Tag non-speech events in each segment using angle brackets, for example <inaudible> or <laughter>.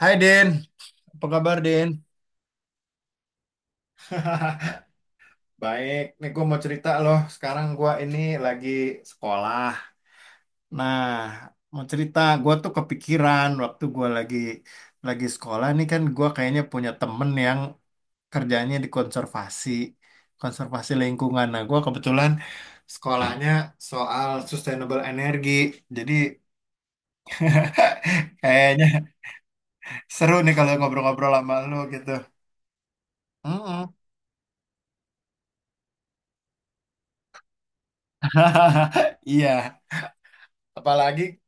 Hai Din, apa kabar Din? <laughs> Baik, nih gue mau cerita loh. Sekarang gue ini lagi sekolah. Nah, mau cerita, gue tuh kepikiran waktu gue lagi sekolah nih kan gue kayaknya punya temen yang kerjanya di konservasi lingkungan. Nah, gue kebetulan sekolahnya soal sustainable energi, jadi <laughs> kayaknya seru nih kalau ngobrol-ngobrol sama lu gitu. Mm-mm. <laughs> Iya. Apalagi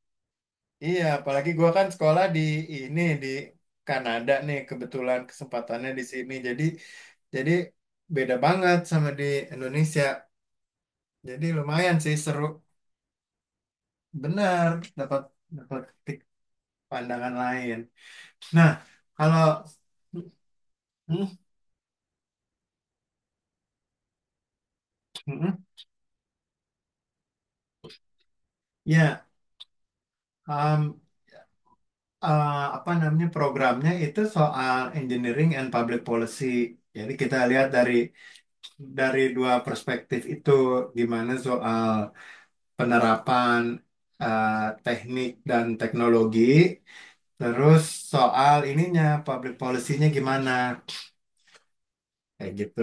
Iya, Apalagi gua kan sekolah di di Kanada nih kebetulan kesempatannya di sini. Jadi beda banget sama di Indonesia. Jadi lumayan sih seru, benar. Dapat dapat titik pandangan lain. Nah, kalau hmm, hmm, ya um, uh, apa namanya programnya itu soal engineering and public policy. Jadi kita lihat dari dua perspektif itu gimana soal penerapan teknik dan teknologi, terus soal ininya, public policy-nya gimana, kayak gitu.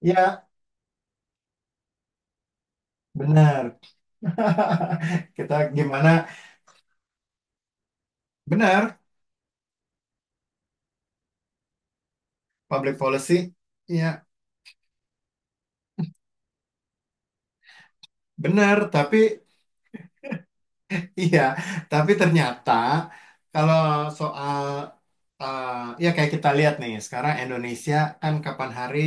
Ya, benar. <laughs> Kita gimana? Benar, public policy. Ya, benar, Iya, tapi ternyata kalau soal eh, ya kayak kita lihat nih sekarang Indonesia kan kapan hari,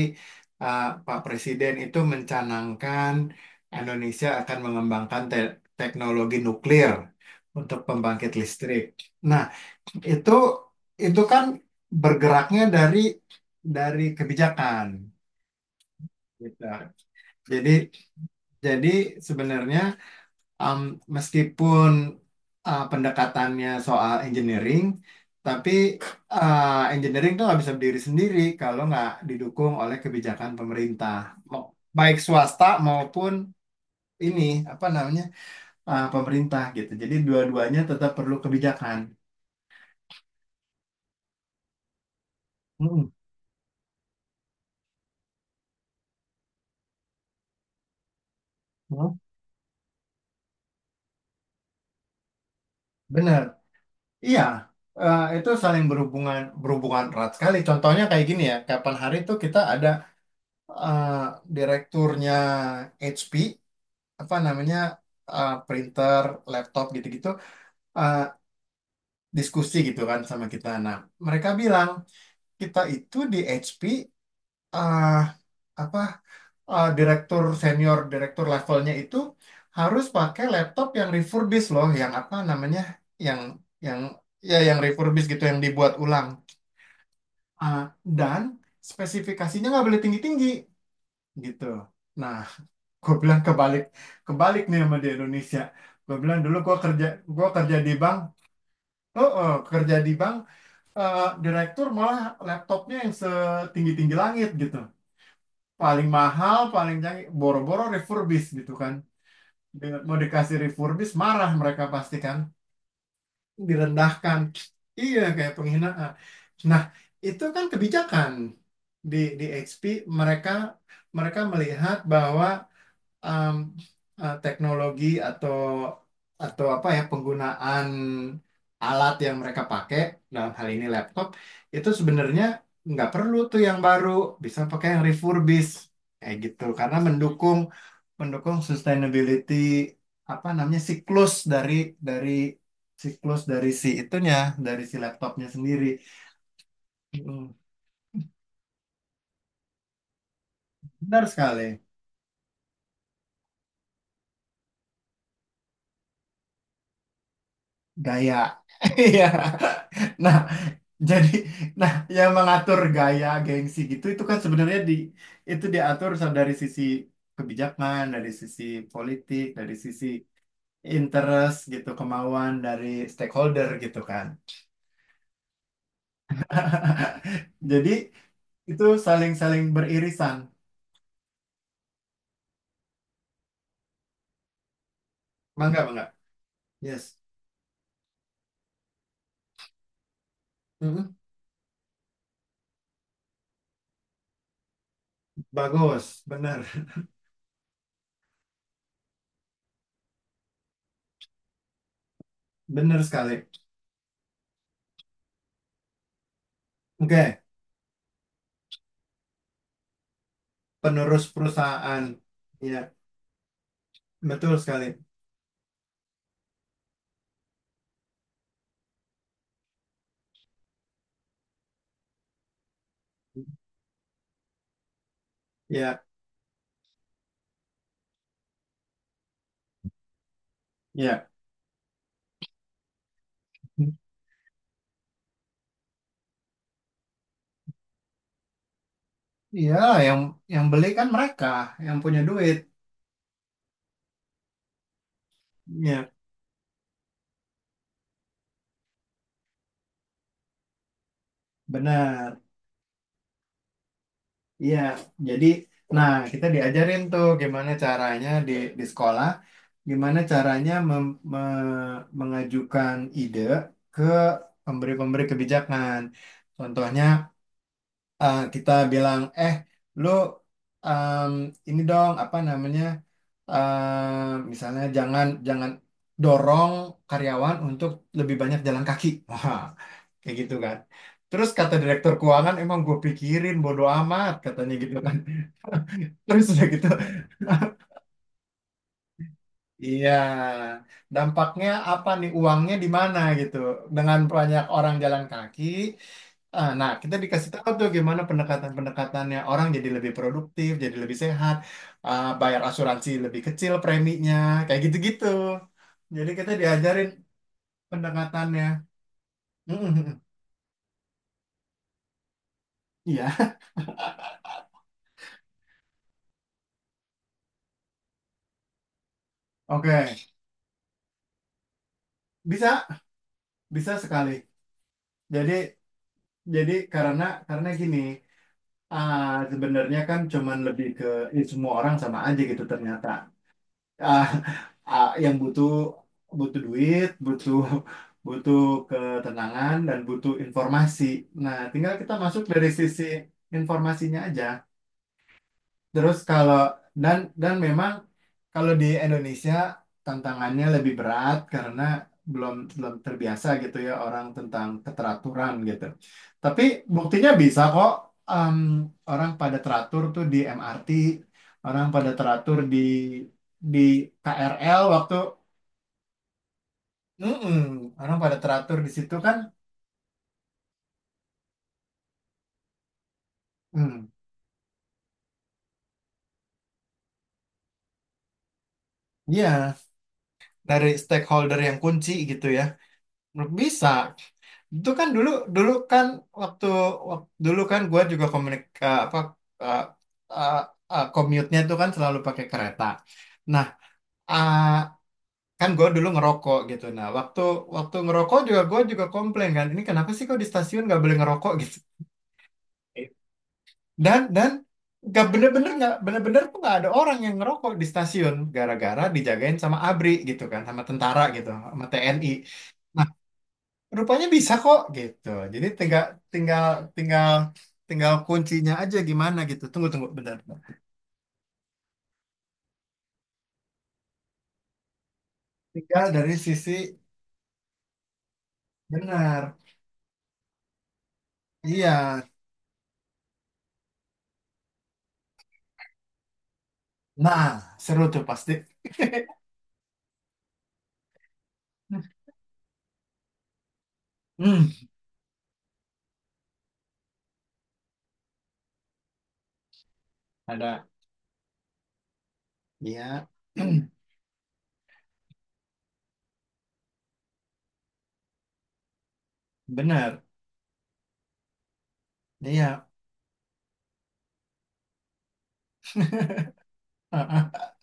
Pak Presiden itu mencanangkan Indonesia akan mengembangkan teknologi nuklir untuk pembangkit listrik. Nah, itu itu kan bergeraknya dari kebijakan gitu. Jadi jadi sebenarnya Um, meskipun pendekatannya soal engineering, tapi engineering itu nggak bisa berdiri sendiri kalau nggak didukung oleh kebijakan pemerintah, Mau- baik swasta maupun ini apa namanya pemerintah gitu. Jadi dua-duanya tetap perlu kebijakan. Mm, mm. Bener, iya. Itu saling berhubungan berhubungan erat sekali. Contohnya kayak gini ya, kapan hari itu kita ada uh, direkturnya HP, apa namanya, printer, laptop gitu-gitu, eh, diskusi gitu kan sama kita. Nah, mereka bilang kita itu di HP, eh, apa, direktur senior, direktur levelnya itu harus pakai laptop yang refurbished loh, yang apa namanya, yang yang yang refurbished gitu, yang dibuat ulang. Eh, dan spesifikasinya nggak boleh tinggi-tinggi gitu. Nah, gue bilang kebalik kebalik nih sama di Indonesia. Gue bilang dulu gue kerja di bank. Oh, oh, kerja di bank, direktur malah laptopnya yang setinggi-tinggi langit gitu. Paling mahal, paling canggih, boro-boro refurbish gitu kan. Dengan- Mau dikasih refurbish, marah mereka pasti kan. Direndahkan. Iya, kayak penghinaan. Nah, itu kan kebijakan di HP. Mereka Mereka melihat bahwa em, teknologi atau apa ya, penggunaan alat yang mereka pakai dalam hal ini laptop itu sebenarnya nggak perlu tuh yang baru, bisa pakai yang refurbished kayak gitu karena mendukung mendukung sustainability, apa namanya, siklus dari siklus dari si itunya, dari si laptopnya sendiri. Mm, benar sekali, gaya. <laughs> Iya. Nah, jadi, nah, yang mengatur gaya gengsi gitu itu kan sebenarnya di itu diatur dari sisi kebijakan, dari sisi politik, dari sisi interest gitu, kemauan dari stakeholder gitu kan. <laughs> Jadi itu saling-saling beririsan. Mangga, mangga. Yes. Mm-mm. Bagus, benar. <laughs> Benar sekali. Oke, penerus perusahaan. Ya, betul sekali. Ya, ya, ya, yang yang beli kan mereka, yang punya duit. Ya. Benar. Iya, jadi, nah, kita diajarin tuh gimana caranya di sekolah, gimana caranya mengajukan ide ke pemberi-pemberi kebijakan. Contohnya, kita bilang, "Eh, lu, em, ini dong apa namanya? Misalnya jangan jangan dorong karyawan untuk lebih banyak jalan kaki." <laughs> Kayak gitu kan. Terus kata direktur keuangan, emang gue pikirin, bodo amat, katanya gitu kan. <laughs> Terus udah gitu, <laughs> iya, dampaknya apa nih, uangnya di mana gitu. Dengan banyak orang jalan kaki, ah, nah, kita dikasih tahu tuh gimana pendekatan-pendekatannya. Orang jadi lebih produktif, jadi lebih sehat, bayar asuransi lebih kecil preminya, kayak gitu-gitu. Jadi kita diajarin pendekatannya. <laughs> Iya, oke. Bisa, bisa sekali. Jadi jadi karena gini, ah, sebenarnya kan cuman lebih ke, "Ih, semua orang sama aja gitu ternyata. Ah, yang butuh, duit, butuh, butuh ketenangan, dan butuh informasi. Nah, tinggal kita masuk dari sisi informasinya aja. Terus kalau, dan memang kalau di Indonesia tantangannya lebih berat karena belum belum terbiasa gitu ya orang tentang keteraturan gitu. Tapi buktinya bisa kok, em, orang pada teratur tuh di MRT, orang pada teratur di KRL waktu. Mm-mm, orang pada teratur di situ kan. Hmm, iya, dari stakeholder yang kunci gitu ya. Bisa. Itu kan dulu dulu kan waktu, dulu kan gue juga komunik eh, apa eh, eh, eh, commute-nya tuh kan selalu pakai kereta. Nah, ah, kan gue dulu ngerokok gitu. Nah, waktu waktu ngerokok juga gue juga komplain kan, ini kenapa sih kok di stasiun nggak boleh ngerokok gitu? Dan nggak bener-bener tuh nggak ada orang yang ngerokok di stasiun gara-gara dijagain sama ABRI gitu kan, sama tentara gitu, sama TNI. Rupanya bisa kok gitu. Jadi tinggal tinggal tinggal tinggal kuncinya aja gimana gitu. Tunggu Tunggu bentar. Tinggal dari sisi, benar. Iya. Nah, seru tuh pasti. Hmm, ada. Iya. <clears throat> Benar. Iya. Ah, ah.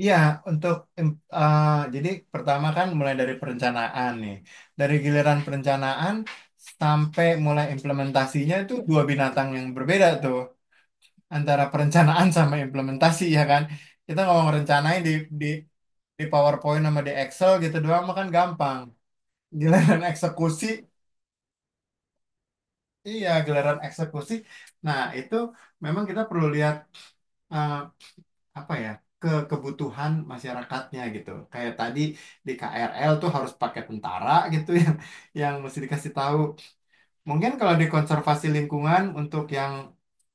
Iya, untuk, ah, jadi pertama kan mulai dari perencanaan nih. Dari giliran perencanaan sampai mulai implementasinya itu dua binatang yang berbeda tuh, antara perencanaan sama implementasi ya kan. Kita ngomong rencanain di di PowerPoint sama di Excel gitu doang mah kan gampang, giliran <laughs> eksekusi, iya, giliran eksekusi, nah itu memang kita perlu lihat, eh, apa ya, ke kebutuhan masyarakatnya gitu kayak tadi di KRL tuh harus pakai tentara gitu <laughs> yang mesti dikasih tahu. Mungkin kalau di konservasi lingkungan untuk yang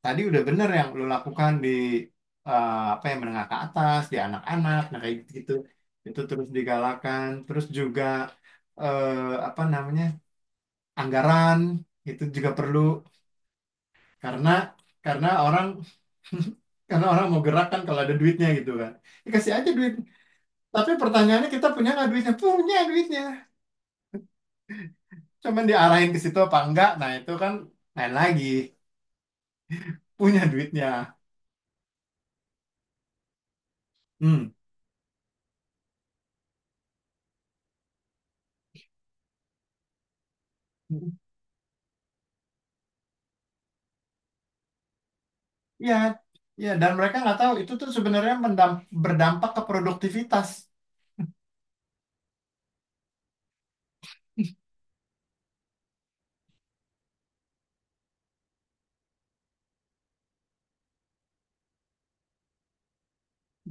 tadi udah bener yang lo lakukan di, apa, yang menengah ke atas, di anak-anak, nah kayak gitu, itu terus digalakan, terus juga apa namanya anggaran itu juga perlu, karena orang <laughs> karena orang mau gerak kan kalau ada duitnya gitu kan, dikasih aja duit. Tapi pertanyaannya, kita punya nggak duitnya? Punya duitnya, cuman diarahin ke situ apa enggak? Nah itu kan lain lagi, punya duitnya. Hmm. Iya, iya, dan mereka nggak tahu itu tuh sebenarnya berdampak ke produktivitas.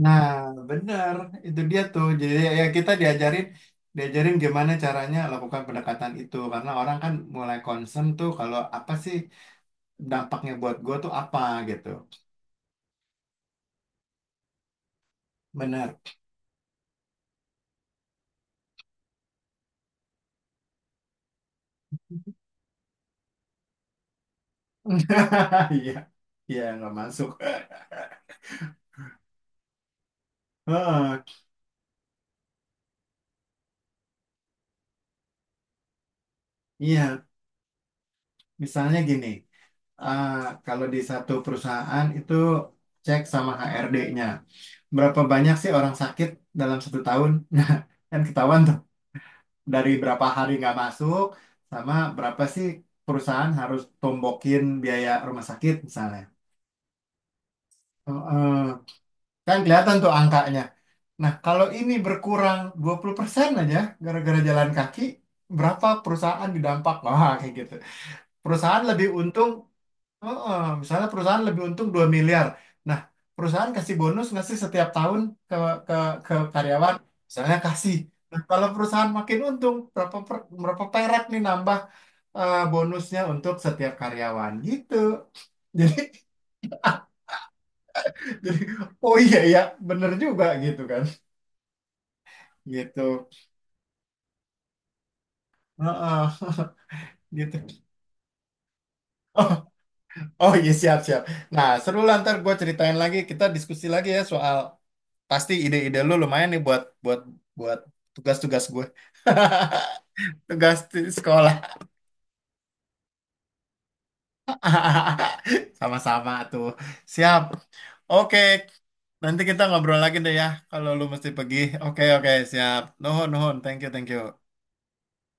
Nah, benar, itu dia tuh. Jadi ya, ya, kita diajarin, gimana caranya lakukan pendekatan itu, karena orang kan mulai concern tuh kalau apa sih dampaknya buat gue tuh apa gitu. Benar. <laughs> Iya, iya nggak masuk. Oh, iya, misalnya gini, eh, kalau di satu perusahaan itu cek sama HRD-nya. Berapa banyak sih orang sakit dalam satu tahun? <laughs> Nah, kan ketahuan tuh dari berapa hari nggak masuk, sama berapa sih perusahaan harus tombokin biaya rumah sakit misalnya. Oh, kan kelihatan tuh angkanya. Nah, kalau ini berkurang 20% aja gara-gara jalan kaki, berapa perusahaan didampak? Wah, kayak gitu. Perusahaan lebih untung. Heeh, misalnya perusahaan lebih untung 2 miliar. Nah, perusahaan kasih bonus nggak sih setiap tahun ke ke ke karyawan? Misalnya kasih. Nah, kalau perusahaan makin untung, berapa, berapa perak nih, nambah bonusnya untuk setiap karyawan gitu. <laughs> Jadi, jadi oh iya ya, bener juga gitu kan. Gitu. Heeh, <laughs> gitu. Oh iya, siap-siap. Nah, seru lah, ntar gue ceritain lagi, kita diskusi lagi ya soal, pasti ide-ide lu lumayan nih, buat buat buat tugas-tugas gue. <laughs> Tugas di sekolah. <laughs> Sama-sama tuh. Siap. Oke. Nanti kita ngobrol lagi deh ya, kalau lu mesti pergi. Oke, oke, siap. Nuhun, nuhun. Thank you, thank you.